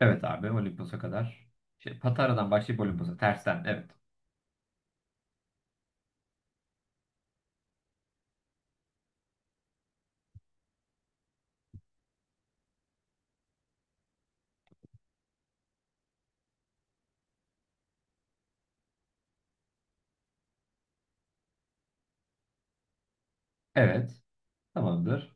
Evet abi Olimpos'a kadar. Şey, Patara'dan başlayıp Olimpos'a tersten evet. Evet tamamdır.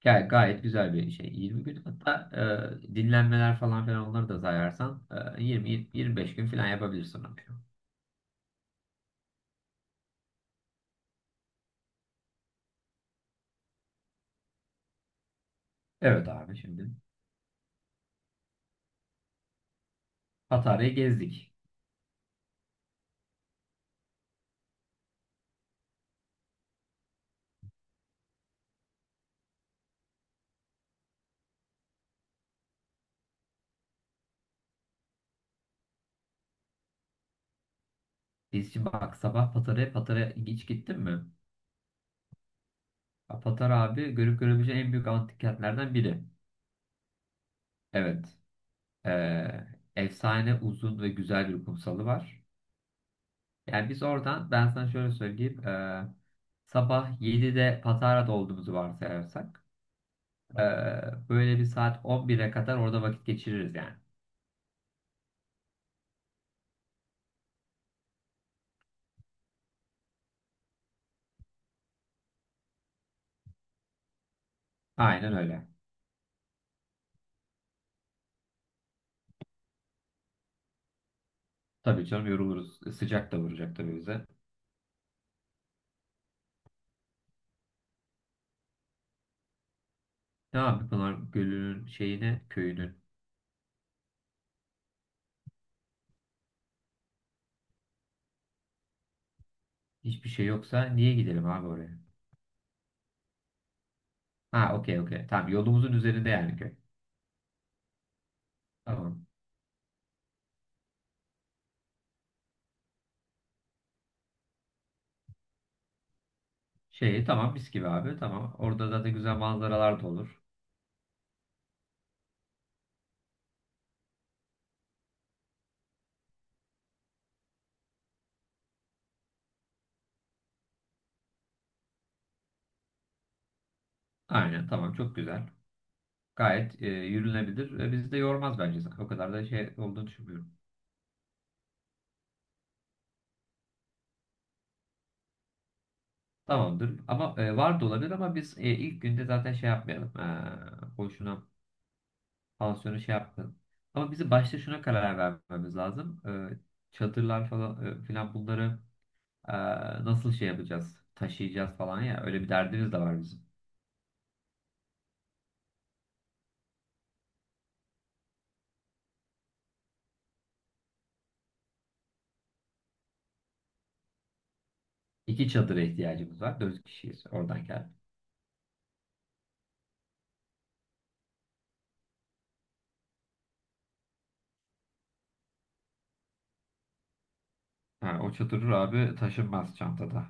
Gayet güzel bir şey. 20 gün hatta dinlenmeler falan filan onları da sayarsan 20-25 gün falan yapabilirsin onu. Evet abi şimdi Patara'yı gezdik. Biz şimdi bak sabah Patara'ya hiç gittin mi? Ya Patara abi görüp görebileceğin en büyük antik kentlerden biri. Evet. E, Efsane uzun ve güzel bir kumsalı var. Yani biz oradan ben sana şöyle söyleyeyim. Sabah 7'de Patara'da olduğumuzu varsayarsak ee, böyle bir saat 11'e kadar orada vakit geçiririz yani. Aynen öyle. Tabii canım yoruluruz. Sıcak da vuracak tabii bize. Ne abi Pınar Gölü'nün şeyine, köyünün hiçbir şey yoksa niye gidelim abi oraya? Ha, okey, okey. Tamam yolumuzun üzerinde yani köy. Tamam. Şey tamam mis gibi abi tamam. Orada zaten güzel manzaralar da olur. Aynen tamam çok güzel. Gayet yürünebilir ve bizi de yormaz bence. O kadar da şey olduğunu düşünmüyorum. Tamamdır. Ama var da olabilir ama biz ilk günde zaten şey yapmayalım. Boşuna pansiyonu şey yapmayalım. Ama bizi başta şuna karar vermemiz lazım. E, Çadırlar falan filan bunları e, nasıl şey yapacağız? Taşıyacağız falan ya. Öyle bir derdimiz de var bizim. İki çadıra ihtiyacımız var. Dört kişiyiz oradan gel. Ha, o çadır abi taşınmaz çantada.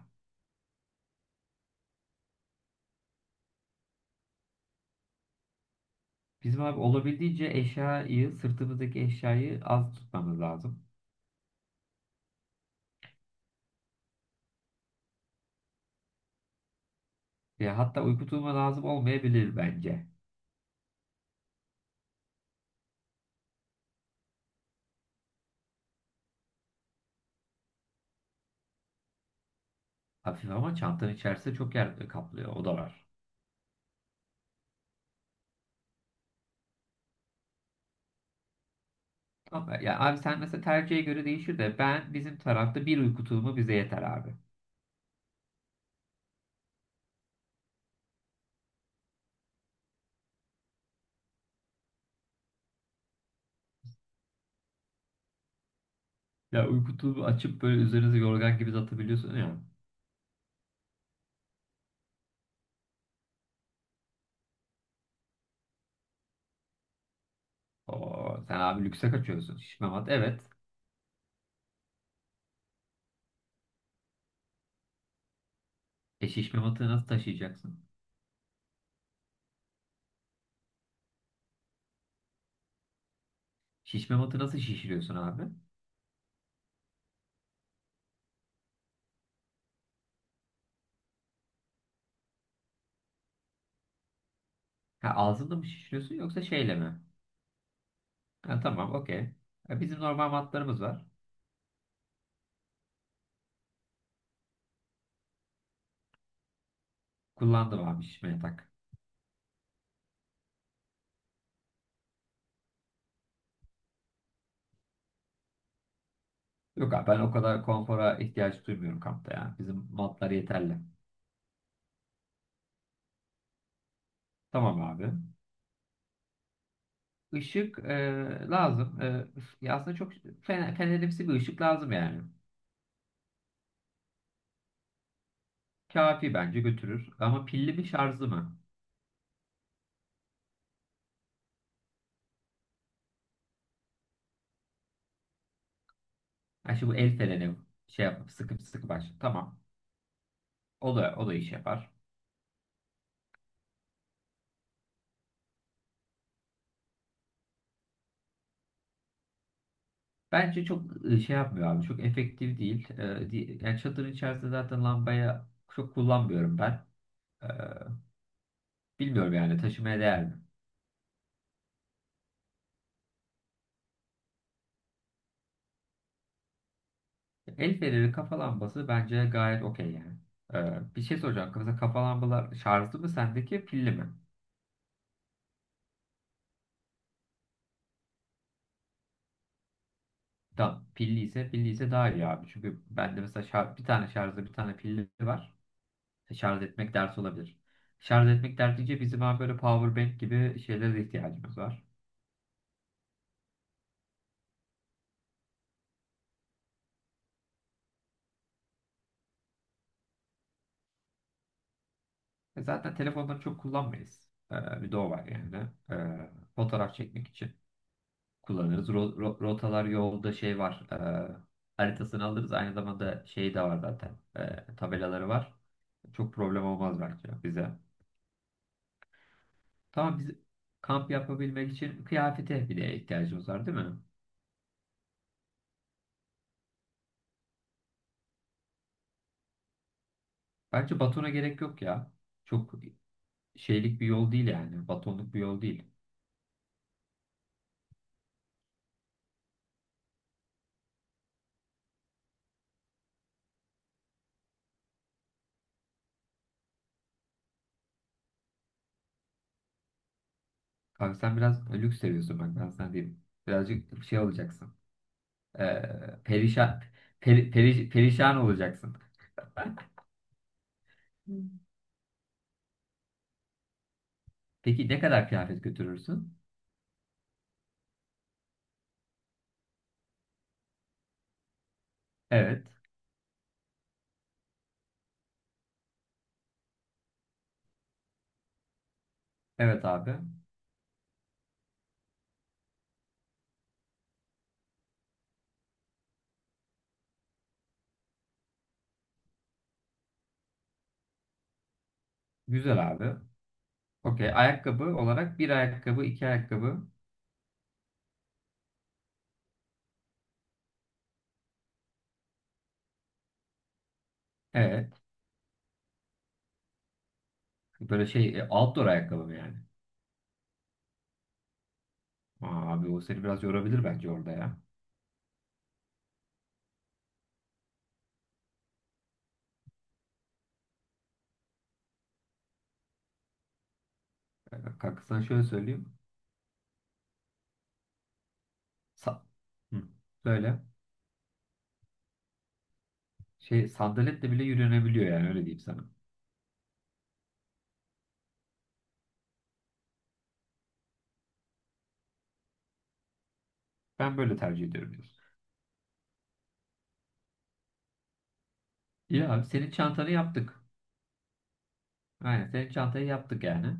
Bizim abi olabildiğince eşyayı, sırtımızdaki eşyayı az tutmamız lazım. Ya hatta uyku tulumu lazım olmayabilir bence. Hafif ama çantanın içerisinde çok yer kaplıyor. O da var. Ama ya abi sen mesela tercihe göre değişir de ben bizim tarafta bir uyku tulumu bize yeter abi. Ya uyku tulumu açıp böyle üzerinize yorgan gibi atabiliyorsun ya. Oo, sen abi lükse kaçıyorsun. Şişme mat evet. Şişme matı nasıl taşıyacaksın? Şişme matı nasıl şişiriyorsun abi? Ha, ağzında mı şişiriyorsun yoksa şeyle mi? Ha, tamam okey. Bizim normal matlarımız var. Kullandım abi şişmeye tak. Yok abi ben o kadar konfora ihtiyaç duymuyorum kampta ya. Bizim matlar yeterli. Tamam abi. Işık lazım. Üf, ya aslında çok fenerimsi bir ışık lazım yani. Kafi bence götürür. Ama pilli mi şarjlı mı? Ha şimdi bu el freni şey yapıp sıkıp sıkıp aç. Tamam. O da iş yapar. Bence çok şey yapmıyor abi. Çok efektif değil. Yani çadırın içerisinde zaten lambaya çok kullanmıyorum ben. E, Bilmiyorum yani taşımaya değer mi? El feneri kafa lambası bence gayet okey yani. Bir şey soracağım. Mesela kafa lambalar şarjlı mı sendeki pilli mi? Tamam. Pilli ise daha iyi abi. Çünkü bende mesela bir tane şarjlı bir tane pilli var. Şarj etmek dert olabilir. Şarj etmek dert deyince bizim abi böyle power bank gibi şeylere de ihtiyacımız var. Zaten telefonları çok kullanmayız. Bir de o var yani. Fotoğraf çekmek için kullanırız. Rotalar yolda şey var. Haritasını alırız. Aynı zamanda şey de var zaten. Tabelaları var. Çok problem olmaz bence bize. Tamam biz kamp yapabilmek için kıyafete bir de ihtiyacımız var değil mi? Bence batona gerek yok ya. Çok şeylik bir yol değil yani. Batonluk bir yol değil. Kanka sen biraz lüks seviyorsun bak ben sana diyeyim. Birazcık şey olacaksın. E, perişan perişan olacaksın. Hmm. Peki ne kadar kıyafet götürürsün? Evet. Evet abi. Güzel abi. Okey. Ayakkabı olarak bir ayakkabı, iki ayakkabı. Evet. Böyle şey outdoor ayakkabı mı yani? Aa, abi o seni biraz yorabilir bence orada ya. Kanka sana şöyle söyleyeyim. Sa Hı. Böyle şey sandaletle bile yürünebiliyor yani öyle diyeyim sana. Ben böyle tercih ediyorum diyorsun. İyi abi senin çantanı yaptık. Aynen senin çantayı yaptık yani.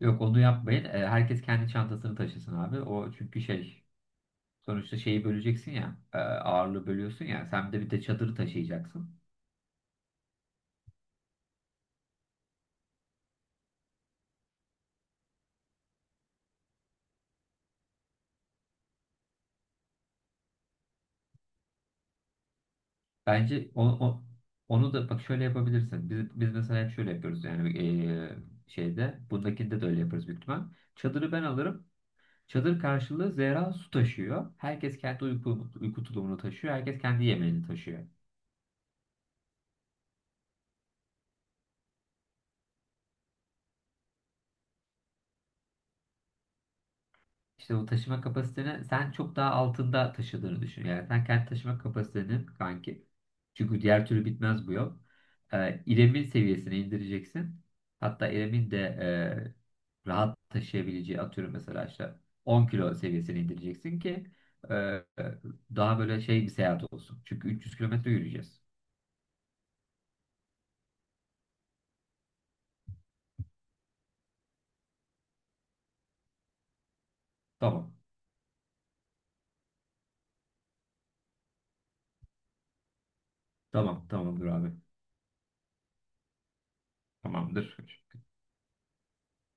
Yok onu yapmayın. Herkes kendi çantasını taşısın abi. O çünkü şey. Sonuçta şeyi böleceksin ya, ağırlığı bölüyorsun ya. Sen de bir de çadırı taşıyacaksın. Bence onu da bak şöyle yapabilirsin. Biz mesela hep şöyle yapıyoruz yani şeyde, bundakinde de öyle yaparız büyük ihtimal. Çadırı ben alırım. Çadır karşılığı Zehra su taşıyor. Herkes kendi uyku tulumunu taşıyor. Herkes kendi yemeğini taşıyor. İşte o taşıma kapasiteni sen çok daha altında taşıdığını düşün. Yani sen kendi taşıma kapasiteni kanki. Çünkü diğer türlü bitmez bu yol. İrem'in seviyesine indireceksin. Hatta İrem'in de rahat taşıyabileceği atıyorum mesela işte 10 kilo seviyesine indireceksin ki e, e, daha böyle şey bir seyahat olsun. Çünkü 300 kilometre yürüyeceğiz. Tamam. Tamam. Tamamdır abi. Tamamdır.